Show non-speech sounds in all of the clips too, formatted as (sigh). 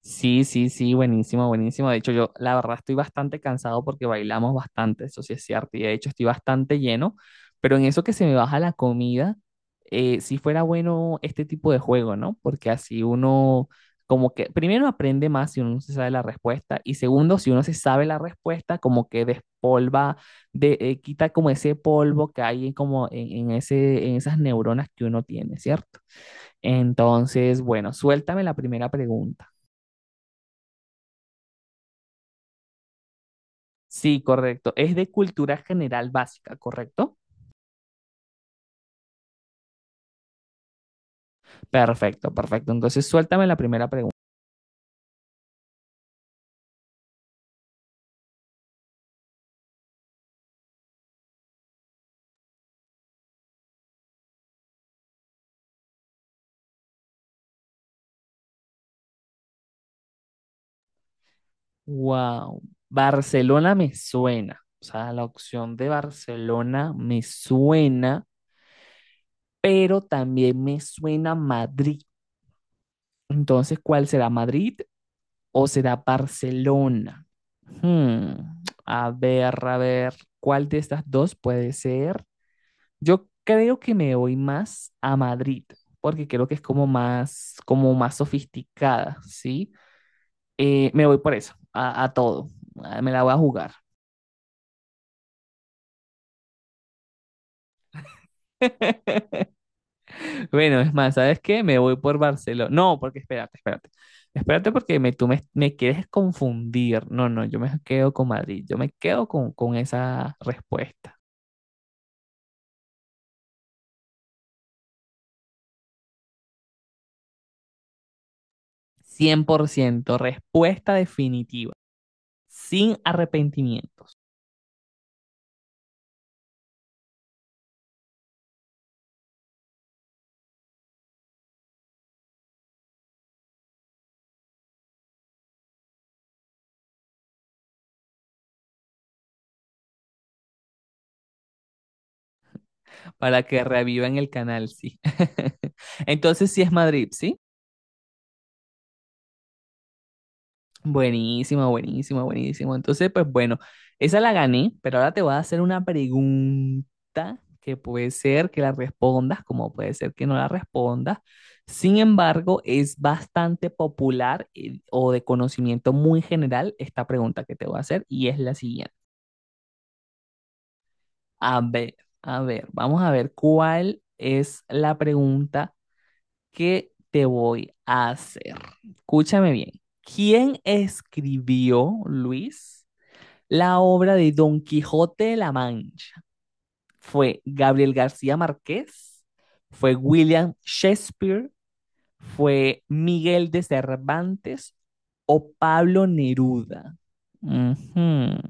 Sí, sí, sí, buenísimo, buenísimo. De hecho, yo la verdad estoy bastante cansado porque bailamos bastante, eso sí es cierto. Y de hecho estoy bastante lleno, pero en eso que se me baja la comida, si fuera bueno este tipo de juego, ¿no? Porque así uno, como que, primero aprende más si uno no se sabe la respuesta y segundo, si uno se sabe la respuesta, como que despolva, quita como ese polvo que hay en como en esas neuronas que uno tiene, ¿cierto? Entonces, bueno, suéltame la primera pregunta. Sí, correcto. Es de cultura general básica, ¿correcto? Perfecto, perfecto. Entonces, suéltame la primera pregunta. Wow, Barcelona me suena. O sea, la opción de Barcelona me suena, pero también me suena Madrid. Entonces, ¿cuál será Madrid o será Barcelona? A ver, ¿cuál de estas dos puede ser? Yo creo que me voy más a Madrid, porque creo que es como más sofisticada, ¿sí? Me voy por eso, a todo. Ah, me la voy a jugar. (laughs) Bueno, es más, ¿sabes qué? Me voy por Barcelona. No, porque espérate, espérate. Espérate porque tú me, me quieres confundir. No, no, yo me quedo con Madrid. Yo me quedo con esa respuesta. 100%. Respuesta definitiva, sin arrepentimientos. Para que revivan el canal, sí. (laughs) Entonces sí es Madrid, ¿sí? Buenísima, buenísima, buenísima. Entonces, pues bueno, esa la gané, pero ahora te voy a hacer una pregunta que puede ser que la respondas, como puede ser que no la respondas. Sin embargo, es bastante popular, o de conocimiento muy general esta pregunta que te voy a hacer, y es la siguiente. A ver, a ver, vamos a ver cuál es la pregunta. ¿Qué te voy a hacer? Escúchame bien. ¿Quién escribió, Luis, la obra de Don Quijote de la Mancha? ¿Fue Gabriel García Márquez? ¿Fue William Shakespeare? ¿Fue Miguel de Cervantes o Pablo Neruda? Ujú.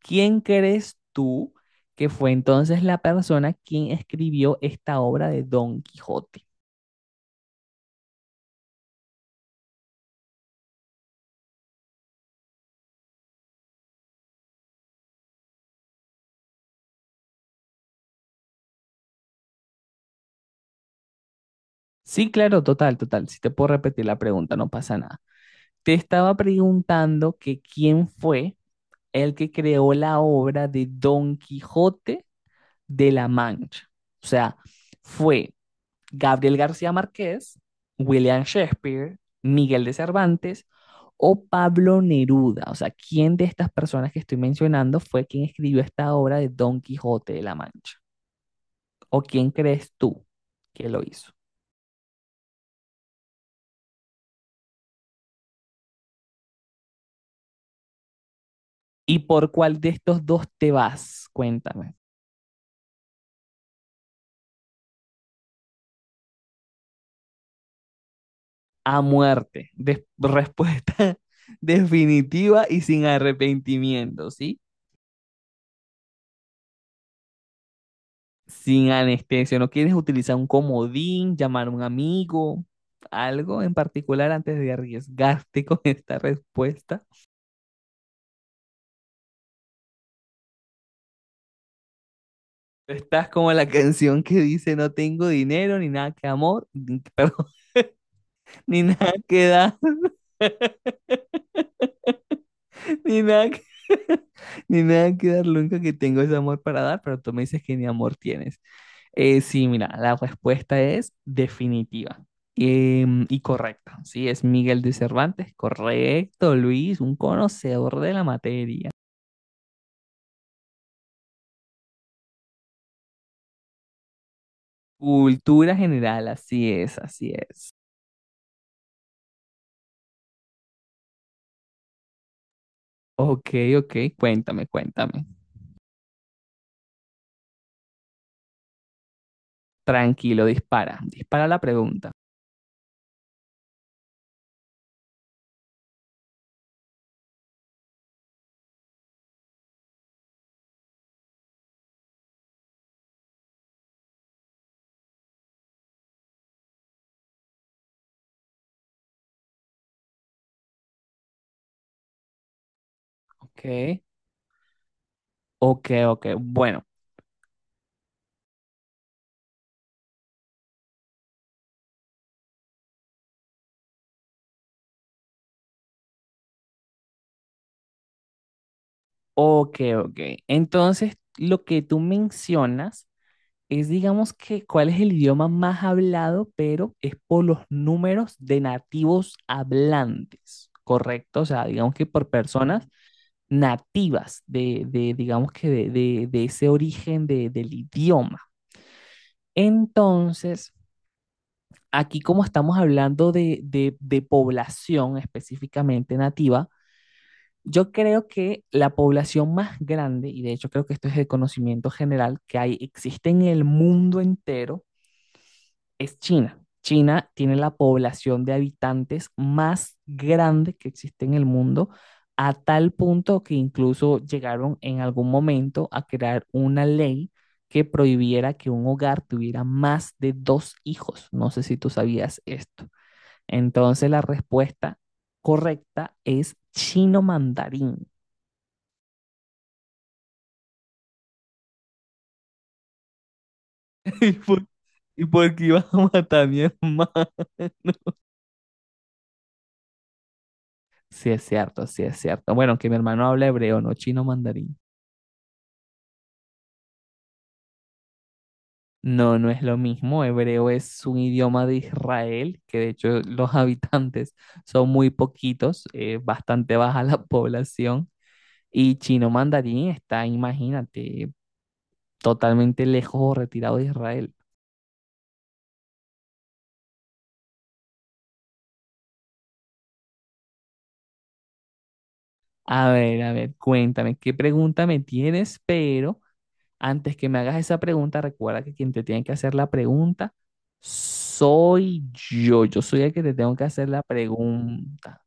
¿Quién crees tú que fue entonces la persona quien escribió esta obra de Don Quijote? Sí, claro, total, total. Si te puedo repetir la pregunta, no pasa nada. Te estaba preguntando que quién fue el que creó la obra de Don Quijote de la Mancha. O sea, fue Gabriel García Márquez, William Shakespeare, Miguel de Cervantes o Pablo Neruda. O sea, ¿quién de estas personas que estoy mencionando fue quien escribió esta obra de Don Quijote de la Mancha? ¿O quién crees tú que lo hizo? ¿Y por cuál de estos dos te vas? Cuéntame. A muerte. Respuesta (laughs) definitiva y sin arrepentimiento, ¿sí? Sin anestesia. ¿No quieres utilizar un comodín, llamar a un amigo, algo en particular antes de arriesgarte (laughs) con esta respuesta? Estás como la canción que dice no tengo dinero, ni nada que amor, ni, (laughs) perdón, ni nada que dar, (laughs) ni nada que, (laughs) ni nada que dar, nunca que tengo ese amor para dar, pero tú me dices que ni amor tienes. Sí, mira, la respuesta es definitiva y correcta. Sí, es Miguel de Cervantes. Correcto, Luis, un conocedor de la materia. Cultura general, así es, así es. Ok, ok, cuéntame, cuéntame. Tranquilo, dispara, dispara la pregunta. Ok, ok, ok, bueno, ok, ok. Entonces, lo que tú mencionas es, digamos que, ¿cuál es el idioma más hablado? Pero es por los números de nativos hablantes, ¿correcto? O sea, digamos que por personas nativas de, digamos que, de ese origen del idioma. Entonces, aquí como estamos hablando de población específicamente nativa, yo creo que la población más grande, y de hecho creo que esto es el conocimiento general que hay, existe en el mundo entero, es China. China tiene la población de habitantes más grande que existe en el mundo, a tal punto que incluso llegaron en algún momento a crear una ley que prohibiera que un hogar tuviera más de dos hijos. No sé si tú sabías esto. Entonces la respuesta correcta es chino mandarín. (laughs) ¿Y por qué ibas a matar a mi hermano? Sí es cierto, sí es cierto. Bueno, que mi hermano habla hebreo, no chino mandarín. No, no es lo mismo. Hebreo es un idioma de Israel, que de hecho (laughs) los habitantes son muy poquitos, bastante baja la población. Y chino mandarín está, imagínate, totalmente lejos o retirado de Israel. A ver, cuéntame, ¿qué pregunta me tienes? Pero antes que me hagas esa pregunta, recuerda que quien te tiene que hacer la pregunta soy yo. Yo soy el que te tengo que hacer la pregunta.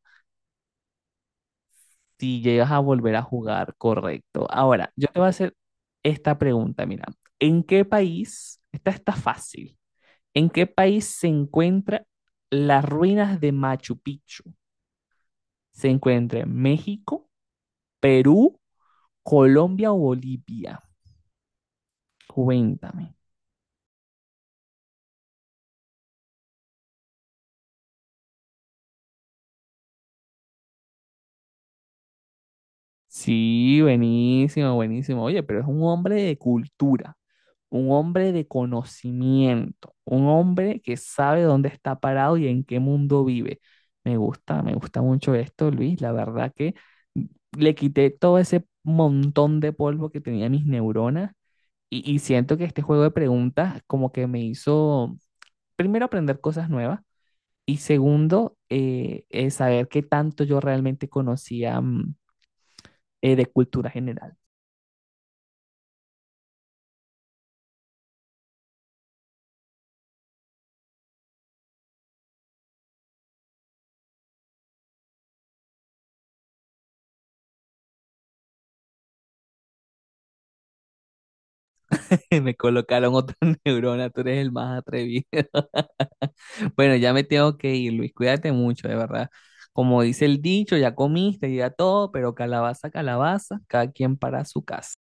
Si llegas a volver a jugar, correcto. Ahora, yo te voy a hacer esta pregunta, mira, ¿en qué país, esta está fácil, en qué país se encuentran las ruinas de Machu Picchu? ¿Se encuentra en México, Perú, Colombia o Bolivia? Cuéntame. Sí, buenísimo, buenísimo. Oye, pero es un hombre de cultura, un hombre de conocimiento, un hombre que sabe dónde está parado y en qué mundo vive. Me gusta mucho esto, Luis. La verdad que le quité todo ese montón de polvo que tenía mis neuronas, y siento que este juego de preguntas como que me hizo, primero, aprender cosas nuevas y segundo, saber qué tanto yo realmente conocía de cultura general. (laughs) Me colocaron otra (laughs) neurona, tú eres el más atrevido. (laughs) Bueno, ya me tengo que ir, Luis, cuídate mucho, de verdad. Como dice el dicho, ya comiste, ya todo, pero calabaza, calabaza, cada quien para su casa.